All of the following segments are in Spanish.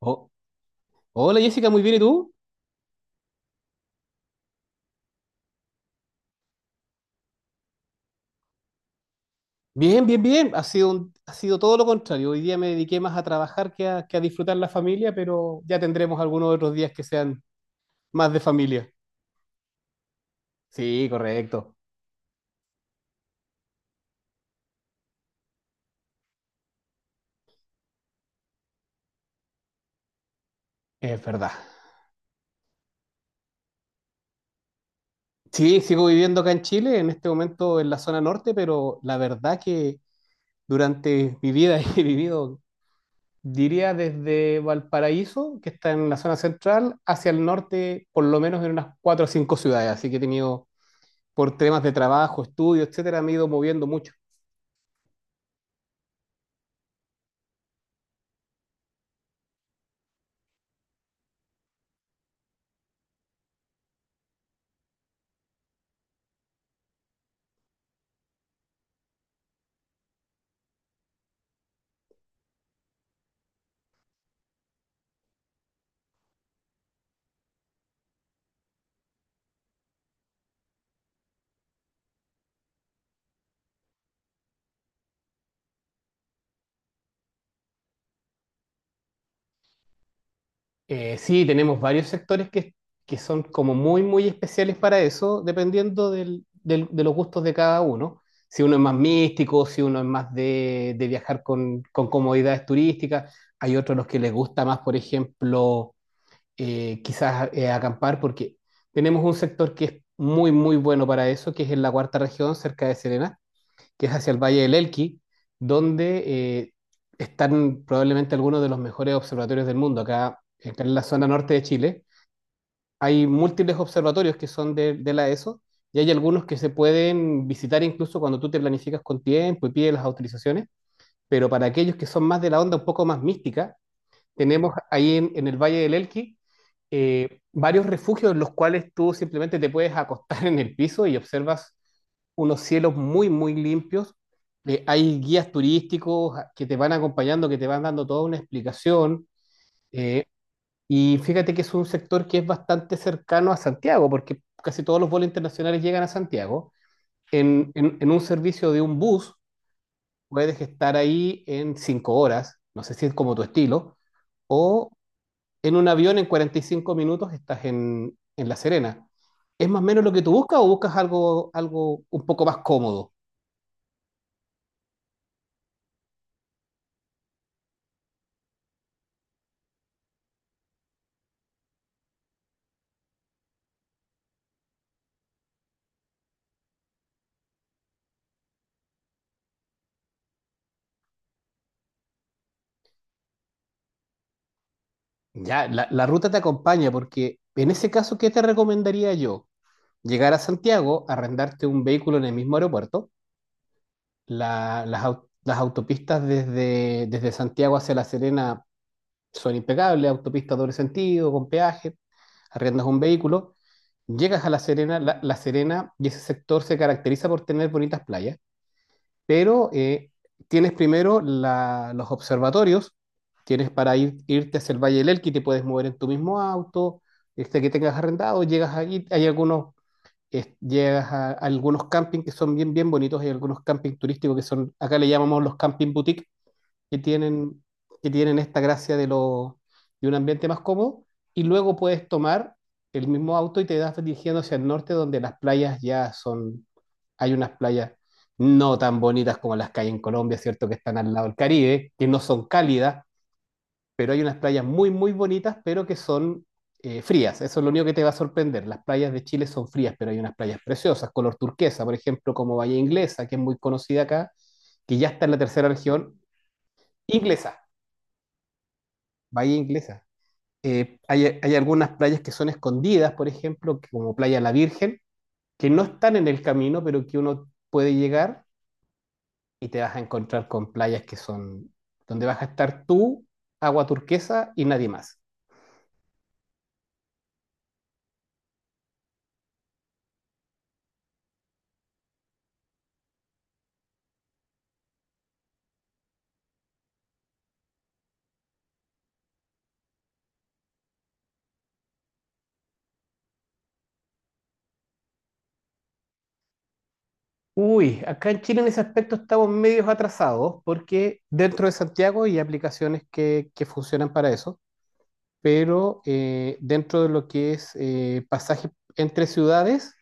Oh, hola Jessica, muy bien, ¿y tú? Bien, bien, bien. Ha sido todo lo contrario. Hoy día me dediqué más a trabajar que a disfrutar la familia, pero ya tendremos algunos otros días que sean más de familia. Sí, correcto. Es verdad. Sí, sigo viviendo acá en Chile, en este momento en la zona norte, pero la verdad que durante mi vida he vivido, diría desde Valparaíso, que está en la zona central, hacia el norte, por lo menos en unas cuatro o cinco ciudades. Así que he tenido por temas de trabajo, estudio, etcétera, me he ido moviendo mucho. Sí, tenemos varios sectores que son como muy, muy especiales para eso, dependiendo de los gustos de cada uno. Si uno es más místico, si uno es más de viajar con comodidades turísticas, hay otros los que les gusta más, por ejemplo, quizás acampar, porque tenemos un sector que es muy, muy bueno para eso, que es en la cuarta región, cerca de Serena, que es hacia el Valle del Elqui, donde están probablemente algunos de los mejores observatorios del mundo. Acá en la zona norte de Chile hay múltiples observatorios que son de la ESO y hay algunos que se pueden visitar incluso cuando tú te planificas con tiempo y pides las autorizaciones, pero para aquellos que son más de la onda un poco más mística, tenemos ahí en el Valle del Elqui varios refugios en los cuales tú simplemente te puedes acostar en el piso y observas unos cielos muy, muy limpios. Hay guías turísticos que te van acompañando, que te van dando toda una explicación. eh, y fíjate que es un sector que es bastante cercano a Santiago, porque casi todos los vuelos internacionales llegan a Santiago. En un servicio de un bus puedes estar ahí en cinco horas, no sé si es como tu estilo, o en un avión en 45 minutos estás en La Serena. ¿Es más o menos lo que tú buscas o buscas algo, algo un poco más cómodo? Ya, la ruta te acompaña porque en ese caso, ¿qué te recomendaría yo? Llegar a Santiago, arrendarte un vehículo en el mismo aeropuerto. Las autopistas desde Santiago hacia La Serena son impecables, autopistas doble sentido, con peaje, arriendas un vehículo, llegas a La Serena, La Serena y ese sector se caracteriza por tener bonitas playas. Pero tienes primero los observatorios, tienes para ir, irte hacia el Valle del Elqui, te puedes mover en tu mismo auto, este que tengas arrendado, llegas ahí, hay algunos, llegas a algunos campings que son bien, bien bonitos, hay algunos campings turísticos que son, acá le llamamos los camping boutique, que tienen, que tienen esta gracia de, lo, de un ambiente más cómodo, y luego puedes tomar el mismo auto y te das dirigiendo hacia el norte, donde las playas ya son, hay unas playas no tan bonitas como las que hay en Colombia, ¿cierto? Que están al lado del Caribe, que no son cálidas, pero hay unas playas muy, muy bonitas, pero que son frías. Eso es lo único que te va a sorprender. Las playas de Chile son frías, pero hay unas playas preciosas, color turquesa, por ejemplo, como Bahía Inglesa, que es muy conocida acá, que ya está en la tercera región inglesa, bahía inglesa. Hay algunas playas que son escondidas, por ejemplo, como Playa La Virgen, que no están en el camino, pero que uno puede llegar y te vas a encontrar con playas que son donde vas a estar tú, agua turquesa y nadie más. Uy, acá en Chile en ese aspecto estamos medios atrasados porque dentro de Santiago hay aplicaciones que funcionan para eso, pero dentro de lo que es pasaje entre ciudades.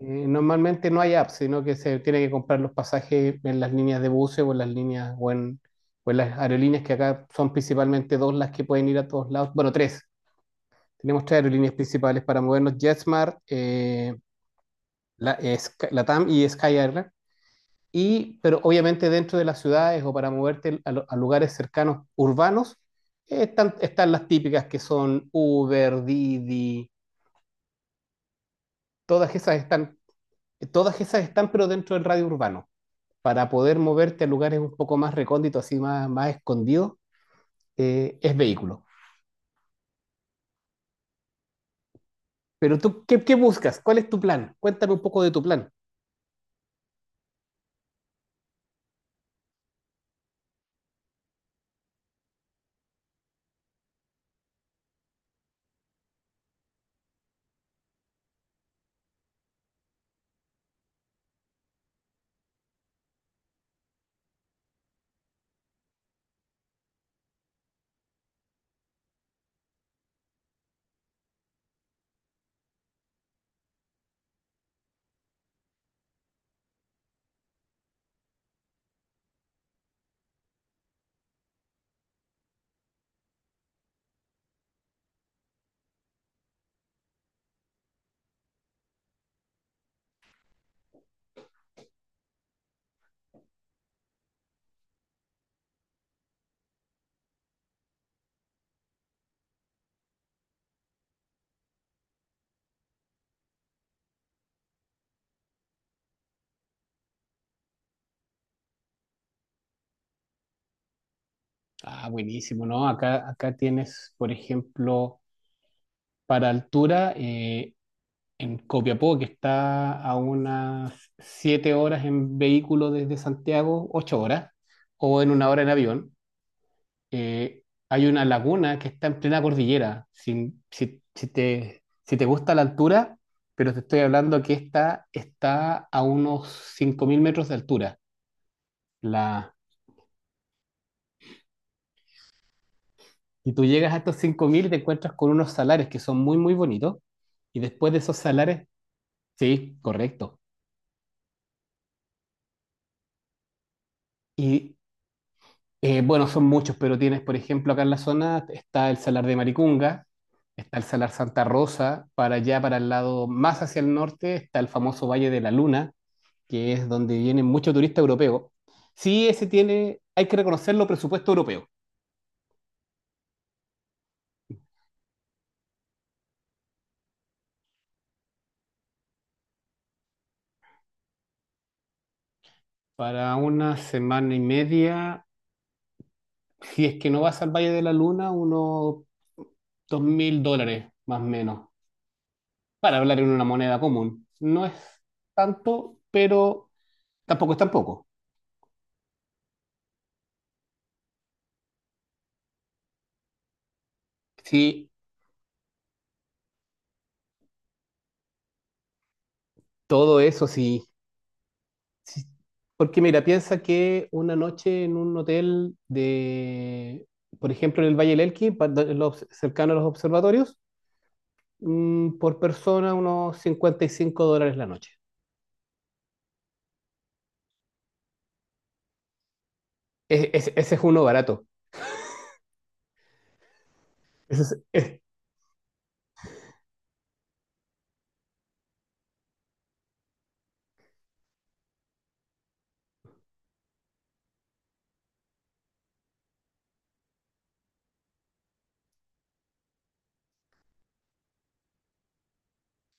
Normalmente no hay apps, sino que se tiene que comprar los pasajes en las líneas de buses o en las líneas o en las aerolíneas que acá son principalmente dos las que pueden ir a todos lados. Bueno, tres. Tenemos tres aerolíneas principales para movernos: JetSmart, LATAM y Sky Airline. Y, pero obviamente dentro de las ciudades o para moverte a lugares cercanos urbanos, están las típicas que son Uber, Didi, todas esas están, todas esas están, pero dentro del radio urbano. Para poder moverte a lugares un poco más recónditos, así más, más escondidos, es vehículo. Pero tú, ¿qué buscas? ¿Cuál es tu plan? Cuéntame un poco de tu plan. Ah, buenísimo, ¿no? Acá, acá tienes, por ejemplo, para altura, en Copiapó, que está a unas 7 horas en vehículo desde Santiago, 8 horas, o en una hora en avión. eh, Hay una laguna que está en plena cordillera. Si te, si te gusta la altura, pero te estoy hablando que esta está a unos 5.000 metros de altura. La, y tú llegas a estos 5.000 y te encuentras con unos salares que son muy, muy bonitos. Y después de esos salares, sí, correcto. Y bueno, son muchos, pero tienes, por ejemplo, acá en la zona está el salar de Maricunga. Está el Salar Santa Rosa, para allá, para el lado más hacia el norte, está el famoso Valle de la Luna, que es donde vienen muchos turistas europeos, sí, ese tiene, hay que reconocerlo, presupuesto europeo. Para una semana y media, si es que no vas al Valle de la Luna, unos dos mil dólares más o menos, para hablar en una moneda común. No es tanto, pero tampoco es tan poco. Sí, todo eso sí. Sí. Porque mira, piensa que una noche en un hotel de, por ejemplo, en el Valle del Elqui, cercano a los observatorios, mm, por persona unos 55 dólares la noche. Ese es uno barato. Ese es- es-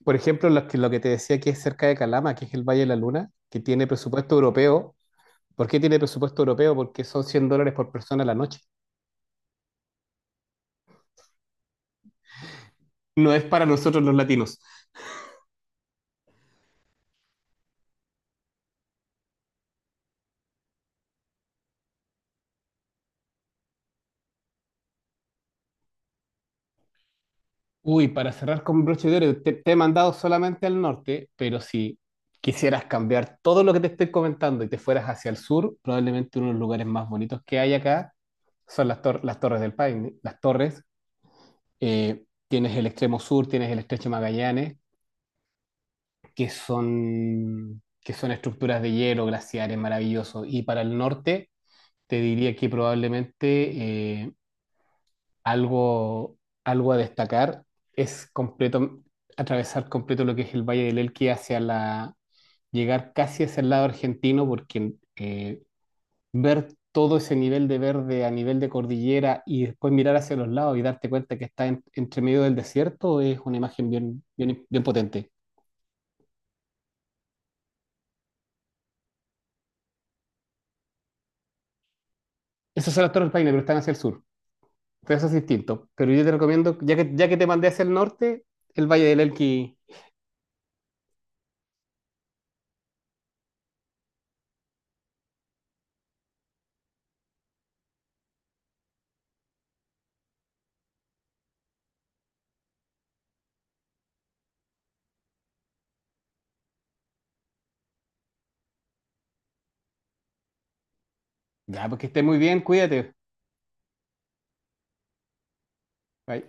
por ejemplo, lo que te decía que es cerca de Calama, que es el Valle de la Luna, que tiene presupuesto europeo. ¿Por qué tiene presupuesto europeo? Porque son 100 dólares por persona la noche. No es para nosotros los latinos. Uy, para cerrar con broche de oro, te he mandado solamente al norte, pero si quisieras cambiar todo lo que te estoy comentando y te fueras hacia el sur, probablemente uno de los lugares más bonitos que hay acá son las Torres del Paine, las Torres. Tienes el extremo sur, tienes el estrecho Magallanes, que son estructuras de hielo, glaciares maravillosos. Y para el norte, te diría que probablemente eh, algo, algo a destacar es completo, atravesar completo lo que es el Valle del Elqui hacia la, llegar casi hacia el lado argentino, porque ver todo ese nivel de verde a nivel de cordillera y después mirar hacia los lados y darte cuenta que está entre medio del desierto es una imagen bien, bien, bien potente. Esas son las Torres Paine, pero están hacia el sur. Entonces eso es distinto. Pero yo te recomiendo, ya que te mandé hacia el norte, el Valle del Elqui. Ya, pues que estés muy bien, cuídate. Bye.